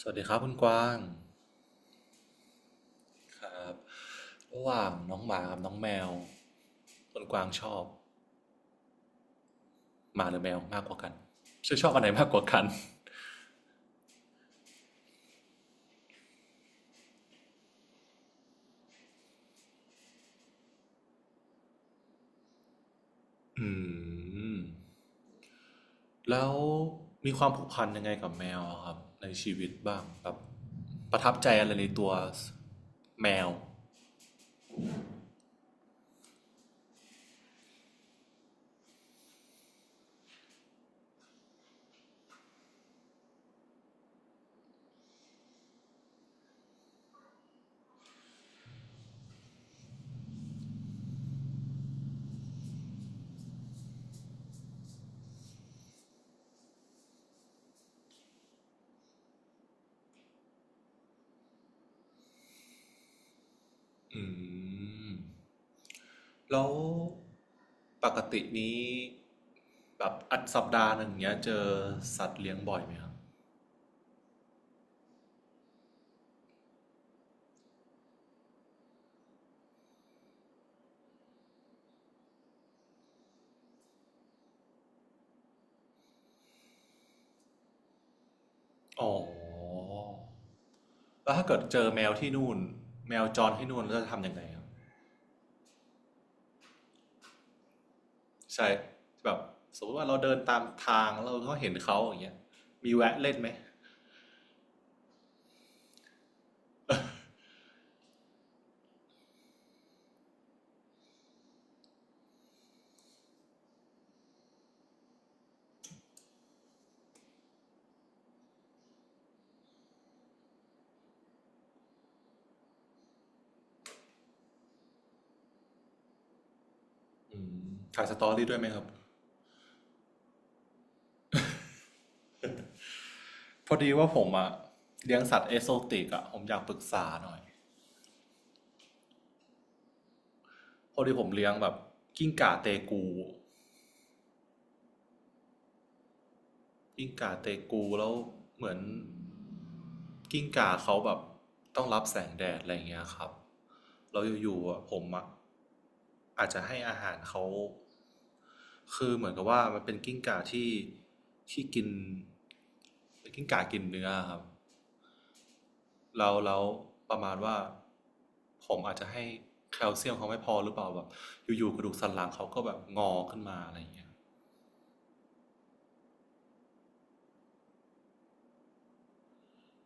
สวัสดีครับคุณกวางครับระหว่างน้องหมากับน้องแมวคุณกวางชอบหมาหรือแมวมากกว่ากันชื่อชอบอันไหนมากกว่ากันอืมแล้วมีความผูกพันยังไงกับแมวอะครับในชีวิตบ้างแบบประทับใจอะไรในตัวแมวอืมแล้วปกตินี้แบบอัดสัปดาห์หนึ่งเนี้ยเจอสัตว์เลี้ยงบ่อยไหมครับอ๋อ แล้วถ้าเกิดเจอแมวที่นู่นแมวจรที่นู่นเราจะทำยังไงครับใช่แบบสมมติว่าเราเดินตามทางเราก็เห็นเขาอย่างเงี้ยมีแวะเล่นไหมถ่ายสตอรี่ด้วยไหมครับพอดีว่าผมอะเลี้ยงสัตว์เอโซติกอะผมอยากปรึกษาหน่อยพอดีผมเลี้ยงแบบกิ้งก่าเตกูกิ้งก่าเตกูแล้วเหมือนกิ้งก่าเขาแบบต้องรับแสงแดดอะไรเงี้ยครับเราอยู่ๆผมอะอาจจะให้อาหารเขา คือเหมือนกับว่ามันเป็นกิ้งก่าที่กินเป็นกิ้งก่ากินเนื้อครับแล้วแล้ประมาณว่าผมอาจจะให้แคลเซียมเขาไม่พอหรือเปล่าแบบอยู่ๆกระดูกสันหลังเขาก็แบบงอขึ้นมาอะไรอย่างเงี้ย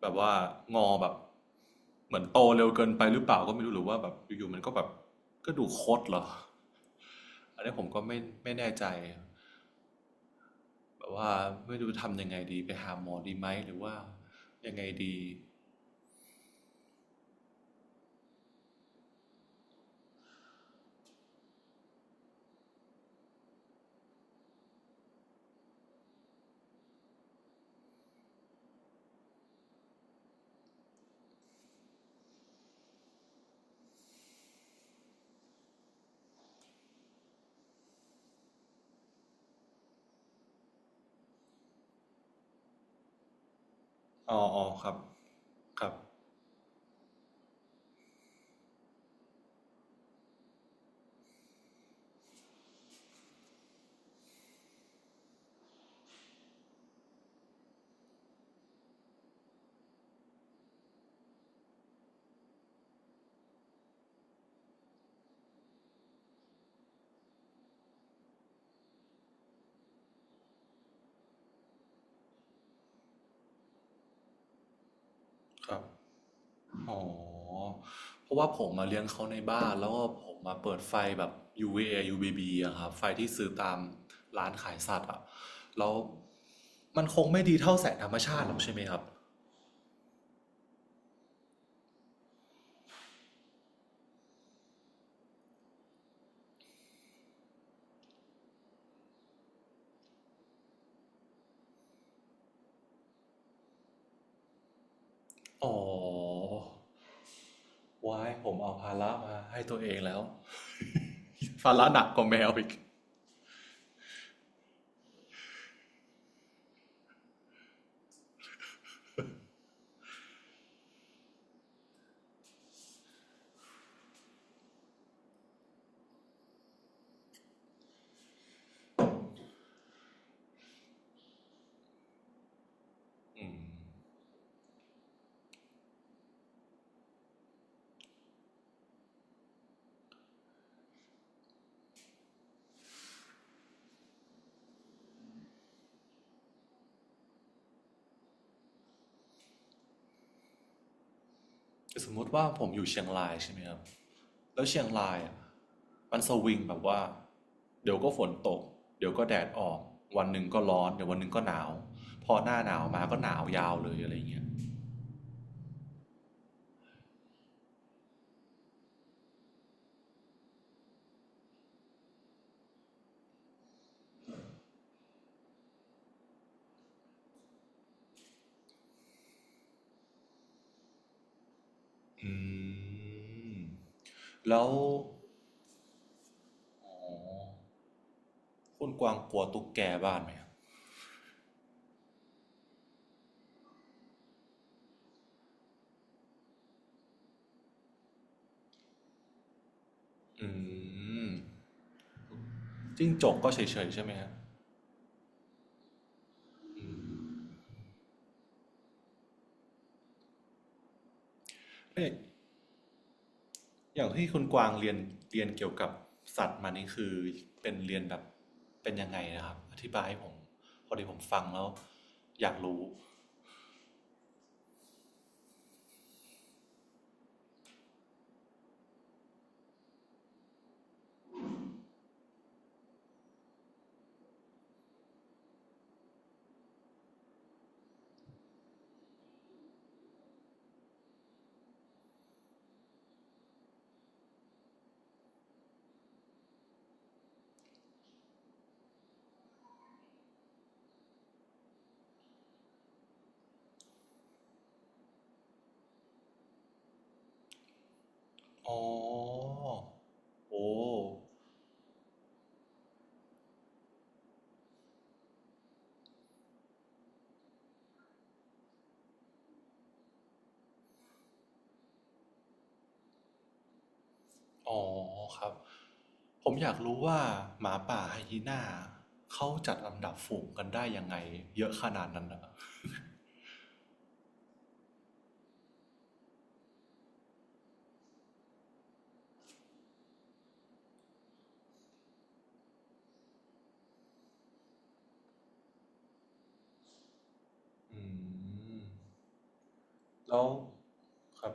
แบบว่างอแบบเหมือนโตเร็วเกินไปหรือเปล่าก็ไม่รู้หรือว่าแบบอยู่ๆมันก็แบบกระดูกคดเหรออันนี้ผมก็ไม่แน่ใจแบบว่าไม่รู้ทำยังไงดีไปหาหมอดีไหมหรือว่ายังไงดีอ๋อครับครับ ครับ อ๋อ เพราะว่าผมมาเลี้ยงเขาในบ้านแล้วก็ผมมาเปิดไฟแบบ UVA UVB อยูวีบีอะครับไฟที่ซื้อตามร้านขายสัตว์อะแล้วมันคงไม่ดีเท่าแสงธรรมชาติหรอกใช่ไหมครับ อ๋อ ว้ายผมเอาภาระมาให้ตัวเองแล้วภาระหนักกว่าแมวอีกสมมติว่าผมอยู่เชียงรายใช่ไหมครับ แล้วเชียงรายอ่ะมันสวิงแบบว่าเดี๋ยวก็ฝนตกเดี๋ยวก็แดดออกวันหนึ่งก็ร้อนเดี๋ยววันหนึ่งก็หนาวพอหน้าหนาวมาก็หนาวยาวเลยอะไรเงี้ยอืมแล้วคุณกวางกลัวตุ๊กแกบ้านไหมครับอืมจิ้งจกก็เฉยๆใช่ไหมฮะเอ๊ะอย่างที่คุณกวางเรียนเรียนเกี่ยวกับสัตว์มานี่คือเป็นเรียนแบบเป็นยังไงนะครับอธิบายให้ผมพอดีผมฟังแล้วอยากรู้อ๋อ โอ้อ๋อครับ ผมอยากรู้ว่าหมาป่าไฮยีน่าเขาจัดลำดับฝูงกันได้ยังไงเยอะขนาดนั้นนะอืมแล้วครับ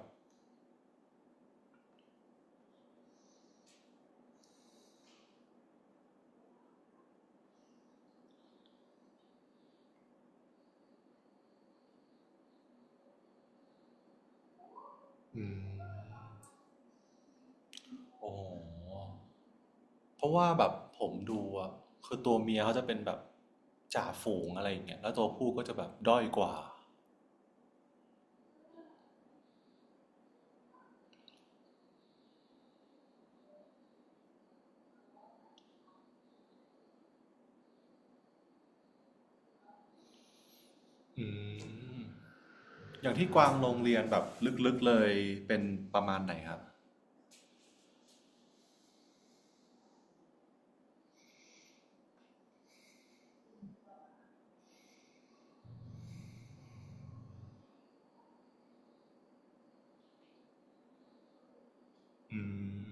อืมโอ้เพราะว่าแบบผมดูอะคือตัวเมียเขาจะเป็นแบบจ่าฝูงอะไรอย่างเงี้ยแล้วตัวผู้ก็จะแบบด้อยกว่าอืมอย่างที่กวางโรงเรียนแบบลึกๆเลยเป็นประมาณไหนครับอืม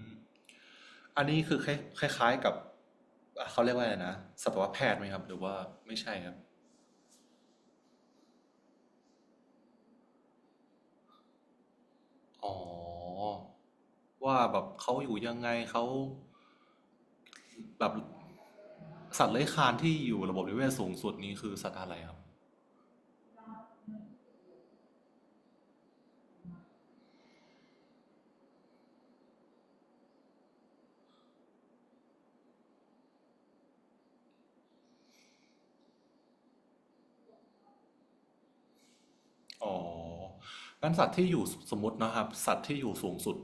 อันนี้คือคล้ายๆกับ่เขาเรียกว่าอะไรนะสัตวแพทย์ไหมครับหรือว่าไม่ใช่ครับอ๋อว่าแบบเขาอยู่ยังไงเขาแบบสัตว์เลื้อยคลานที่อยู่ระบบนิเวศสูงสุดนี้คือสัตว์อะไรครับอ๋องั้นสัตว์ที่อยู่สมมตินะครับสัตว์ที่อยู่สูงสุด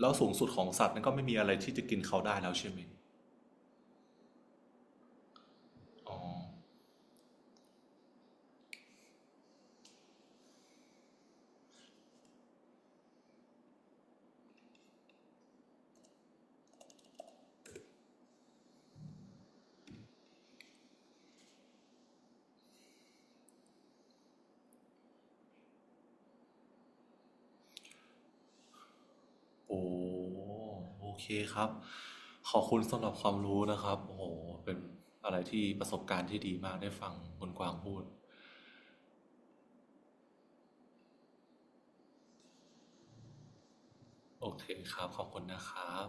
แล้วสูงสุดของสัตว์นั้นก็ไม่มีอะไรที่จะกินเขาได้แล้วใช่ไหมอ๋อโอ้โอเคครับ ขอบคุณสำหรับความรู้นะครับโอ้โหเป็นอะไรที่ประสบการณ์ที่ดีมากได้ฟังคุณกวางพูดโอเคครับขอบคุณนะครับ